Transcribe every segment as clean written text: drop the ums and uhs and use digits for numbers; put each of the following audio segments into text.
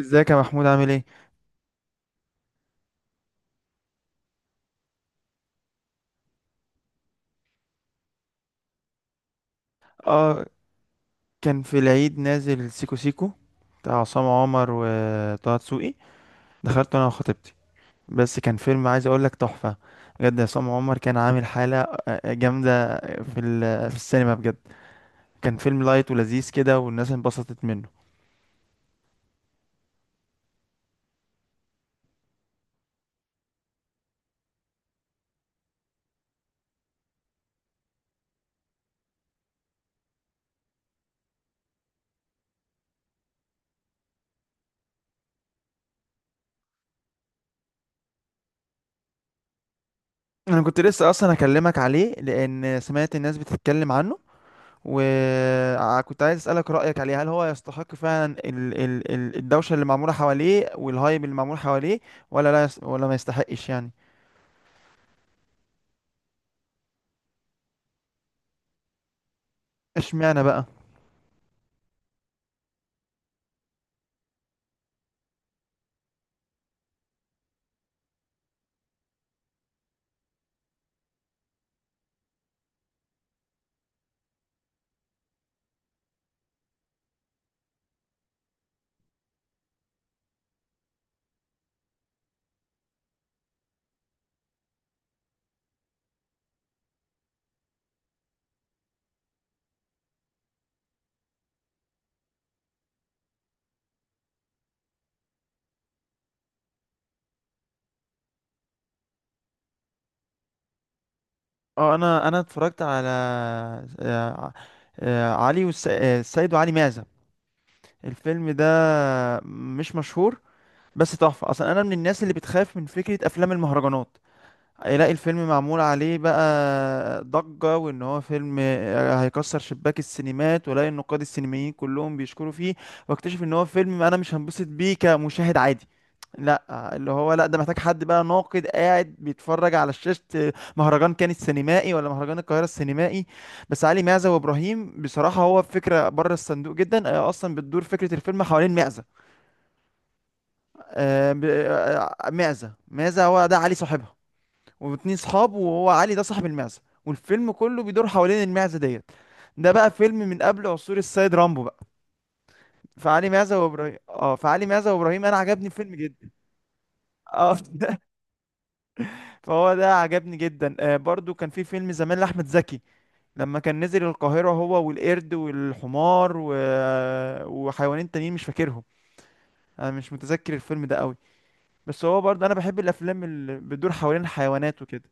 ازيك يا محمود؟ عامل ايه؟ اه كان في العيد نازل سيكو سيكو، بتاع عصام عمر وطه دسوقي. دخلته انا وخطيبتي، بس كان فيلم، عايز اقول لك، تحفة بجد. عصام عمر كان عامل حالة جامدة في السينما بجد. كان فيلم لايت ولذيذ كده، والناس انبسطت منه. كنت لسه اصلا اكلمك عليه، لان سمعت الناس بتتكلم عنه، وكنت عايز أسألك رأيك عليه، هل هو يستحق فعلا الدوشة اللي معمولة حواليه، والهايب اللي معمول حواليه، ولا لا يس... ولا ما يستحقش يعني؟ اشمعنى بقى؟ اه انا اتفرجت على آه، علي والس... آه، السيد وعلي معزة. الفيلم ده مش مشهور، بس تحفة. اصلا انا من الناس اللي بتخاف من فكرة افلام المهرجانات، هيلاقي الفيلم معمول عليه بقى ضجة، وان هو فيلم هيكسر شباك السينمات، ولاقي النقاد السينمائيين كلهم بيشكروا فيه، واكتشف ان هو فيلم انا مش هنبسط بيه كمشاهد عادي. لا، اللي هو لا، ده محتاج حد بقى ناقد، قاعد بيتفرج على شاشة مهرجان كان السينمائي، ولا مهرجان القاهرة السينمائي. بس علي معزة وابراهيم بصراحة، هو فكرة بره الصندوق جدا. اصلا بتدور فكرة الفيلم حوالين معزة. معزة، هو ده علي صاحبها، واتنين صحاب، وهو علي ده صاحب المعزة، والفيلم كله بيدور حوالين المعزة ديت. ده بقى فيلم من قبل عصور السيد رامبو بقى. فعلي معزة وابراهيم انا عجبني الفيلم جدا. اه فهو ده عجبني جدا. برضو كان في فيلم زمان لاحمد زكي، لما كان نزل القاهرة هو والقرد والحمار وحيوانين تانيين مش فاكرهم. انا مش متذكر الفيلم ده قوي، بس هو برضه انا بحب الافلام اللي بتدور حوالين الحيوانات وكده.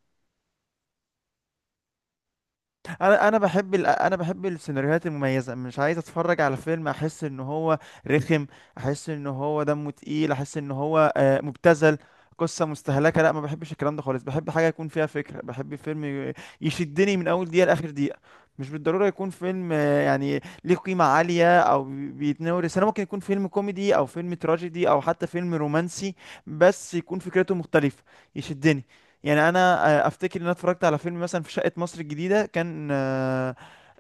انا بحب السيناريوهات المميزه. مش عايز اتفرج على فيلم احس ان هو رخم، احس ان هو دمه تقيل، احس ان هو مبتذل، قصه مستهلكه. لا، ما بحبش الكلام ده خالص. بحب حاجه يكون فيها فكره، بحب فيلم يشدني من اول دقيقه لاخر دقيقه. مش بالضروره يكون فيلم يعني ليه قيمه عاليه، او بيتناول، انا ممكن يكون فيلم كوميدي، او فيلم تراجيدي، او حتى فيلم رومانسي، بس يكون فكرته مختلفه، يشدني. يعني انا افتكر ان انا اتفرجت على فيلم مثلا في شقة مصر الجديدة، كان آه،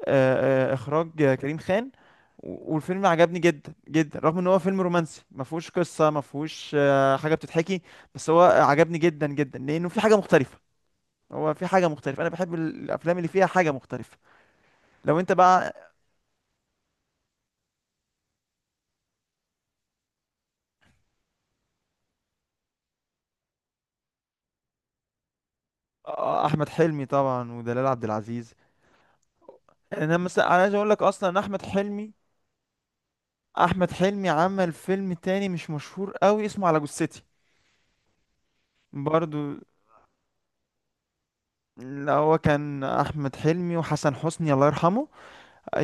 آه، آه، اخراج كريم خان، والفيلم عجبني جدا جدا، رغم ان هو فيلم رومانسي، ما فيهوش قصة، ما فيهوش حاجة بتتحكي، بس هو عجبني جدا جدا لانه في حاجة مختلفة. هو في حاجة مختلفة. انا بحب الافلام اللي فيها حاجة مختلفة. لو انت بقى. احمد حلمي طبعا، ودلال عبد العزيز. انا عايز اقول لك اصلا إن احمد حلمي، احمد حلمي عمل فيلم تاني مش مشهور قوي، اسمه على جثتي برضو. لا، هو كان احمد حلمي وحسن حسني الله يرحمه.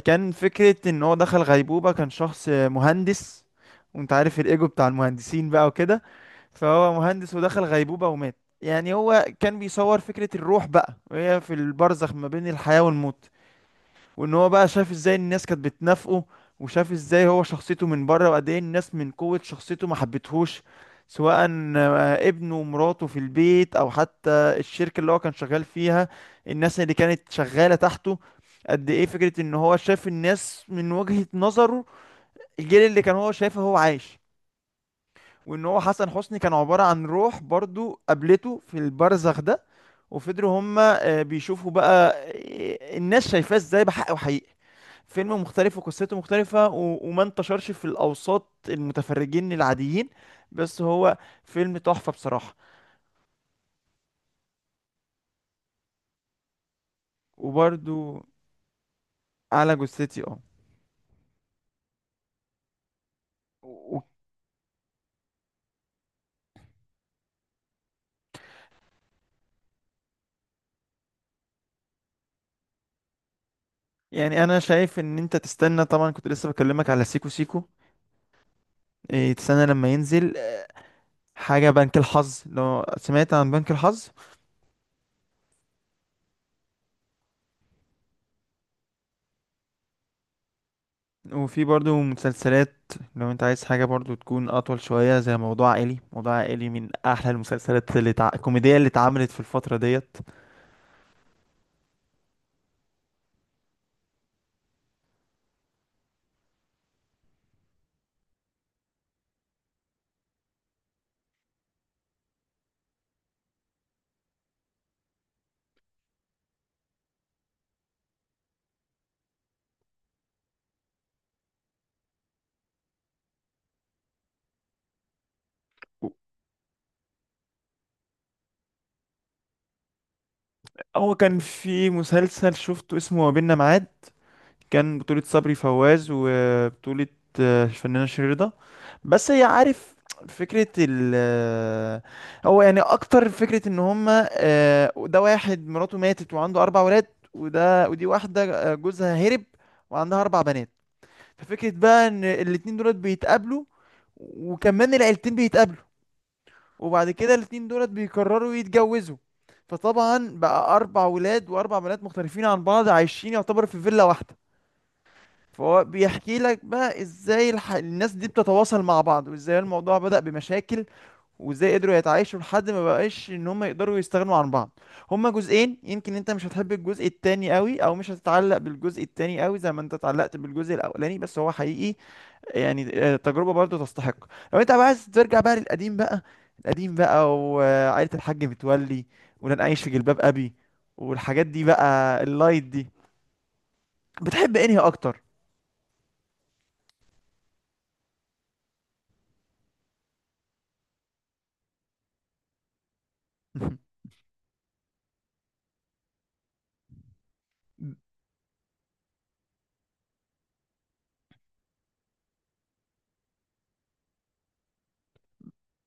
كان فكره ان هو دخل غيبوبه، كان شخص مهندس، وانت عارف الايجو بتاع المهندسين بقى وكده، فهو مهندس ودخل غيبوبه ومات. يعني هو كان بيصور فكره الروح بقى وهي في البرزخ ما بين الحياه والموت، وان هو بقى شاف ازاي الناس كانت بتنافقه، وشاف ازاي هو شخصيته من بره، وقد ايه الناس من قوة شخصيته ما حبتهوش، سواء ابنه ومراته في البيت، او حتى الشركة اللي هو كان شغال فيها، الناس اللي كانت شغالة تحته. قد ايه فكرة ان هو شاف الناس من وجهة نظره، الجيل اللي كان هو شايفه هو عايش، وان هو حسن حسني كان عبارة عن روح برضو، قابلته في البرزخ ده، وفضلوا هما بيشوفوا بقى الناس شايفاه ازاي بحق وحقيقة. فيلم مختلف وقصته مختلفة، وما انتشرش في الأوساط المتفرجين العاديين، بس هو فيلم تحفة بصراحة. وبرضو على جثتي، اه. و... و- يعني أنا شايف إن أنت تستنى، طبعا كنت لسه بكلمك على سيكو سيكو. إيه تستنى لما ينزل حاجة بنك الحظ، لو سمعت عن بنك الحظ. وفي برضو مسلسلات، لو أنت عايز حاجة برضو تكون أطول شوية، زي موضوع عائلي. موضوع عائلي من أحلى المسلسلات الكوميدية اللي اتعملت في الفترة ديت. هو كان في مسلسل شفته اسمه ما بيننا معاد، كان بطولة صبري فواز، وبطولة الفنانة شيرين. بس هي عارف، فكرة ال آه، هو يعني أكتر، فكرة إن هما ده واحد مراته ماتت وعنده أربع ولاد، ودي واحدة جوزها هرب وعندها أربع بنات. ففكرة بقى إن الاتنين دولت بيتقابلوا، وكمان العيلتين بيتقابلوا، وبعد كده الاتنين دولت بيقرروا يتجوزوا. فطبعا بقى اربع ولاد واربع بنات مختلفين عن بعض، عايشين يعتبر في فيلا واحده. فهو بيحكي لك بقى ازاي الناس دي بتتواصل مع بعض، وازاي الموضوع بدأ بمشاكل، وازاي قدروا يتعايشوا لحد ما بقاش ان هم يقدروا يستغنوا عن بعض. هما جزئين. يمكن انت مش هتحب الجزء التاني قوي، او مش هتتعلق بالجزء التاني قوي زي ما انت اتعلقت بالجزء الاولاني، بس هو حقيقي يعني تجربة برضو تستحق. لو انت بقى عايز ترجع بقى للقديم بقى، القديم بقى، وعائلة الحاج متولي، ولن أعيش في جلباب أبي، والحاجات دي بقى اللايت دي. بتحب انهي أكتر؟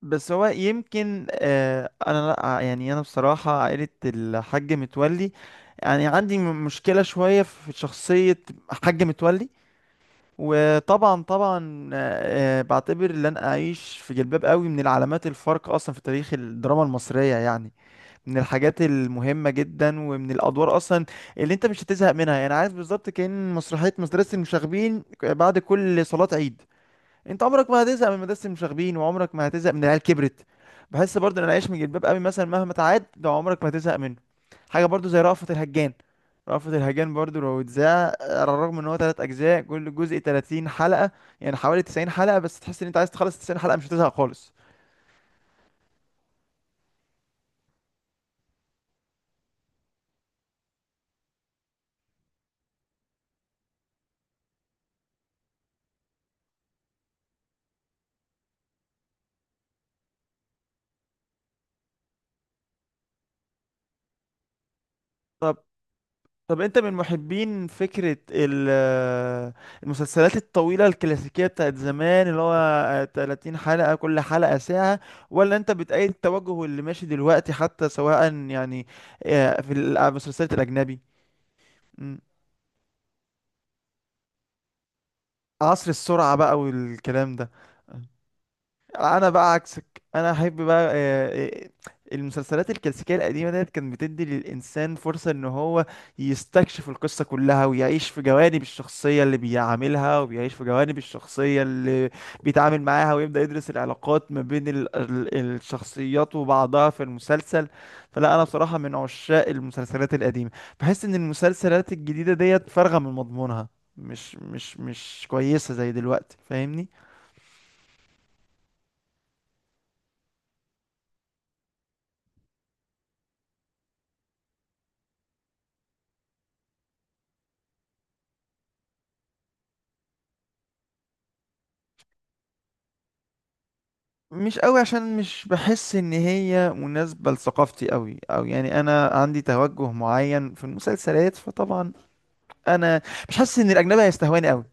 بس هو يمكن، أنا لأ، يعني أنا بصراحة عائلة الحاج متولي، يعني عندي مشكلة شوية في شخصية حاج متولي. وطبعا طبعا، بعتبر ان انا اعيش في جلباب قوي من العلامات الفارقه اصلا في تاريخ الدراما المصريه يعني، من الحاجات المهمة جدا، ومن الأدوار أصلا اللي أنت مش هتزهق منها، يعني عارف بالظبط، كأن مسرحية مدرسة المشاغبين بعد كل صلاة عيد، أنت عمرك ما هتزهق من مدرسة المشاغبين، وعمرك ما هتزهق من العيال كبرت. بحس برضه إن العيش من جلباب أبي مثلا مهما تعاد ده، عمرك ما هتزهق منه. حاجة برضه زي رأفت الهجان، رأفت الهجان برضه لو اتذاع، على الرغم إن هو تلات أجزاء، كل جزء 30 حلقة، يعني حوالي 90 حلقة، بس تحس إن أنت عايز تخلص 90 حلقة مش هتزهق خالص. طب انت من محبين فكرة المسلسلات الطويلة الكلاسيكية بتاعت زمان، اللي هو 30 حلقة كل حلقة ساعة، ولا انت بتأيد التوجه اللي ماشي دلوقتي حتى، سواء يعني اه، في المسلسلات الأجنبي؟ مم. عصر السرعة بقى والكلام ده. انا بقى عكسك، انا احب بقى، المسلسلات الكلاسيكيه القديمه ديت كانت بتدي للانسان فرصه ان هو يستكشف القصه كلها، ويعيش في جوانب الشخصيه اللي بيعاملها، وبيعيش في جوانب الشخصيه اللي بيتعامل معاها، ويبدا يدرس العلاقات ما بين الشخصيات وبعضها في المسلسل. فلا، انا بصراحه من عشاق المسلسلات القديمه، بحس ان المسلسلات الجديده ديت فارغه من مضمونها، مش كويسه زي دلوقتي، فاهمني؟ مش قوي، عشان مش بحس ان هي مناسبة لثقافتي قوي، او يعني انا عندي توجه معين في المسلسلات، فطبعا انا مش حاسس ان الاجنبي هيستهواني قوي،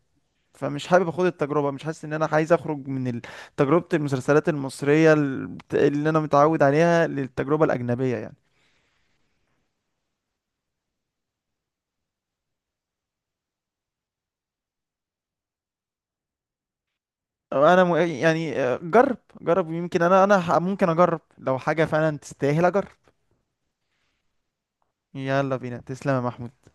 فمش حابب اخد التجربة، مش حاسس ان انا عايز اخرج من تجربة المسلسلات المصرية اللي انا متعود عليها للتجربة الاجنبية يعني. يعني جرب جرب، يمكن ممكن اجرب لو حاجة فعلا تستاهل اجرب. يلا بينا، تسلم يا محمود.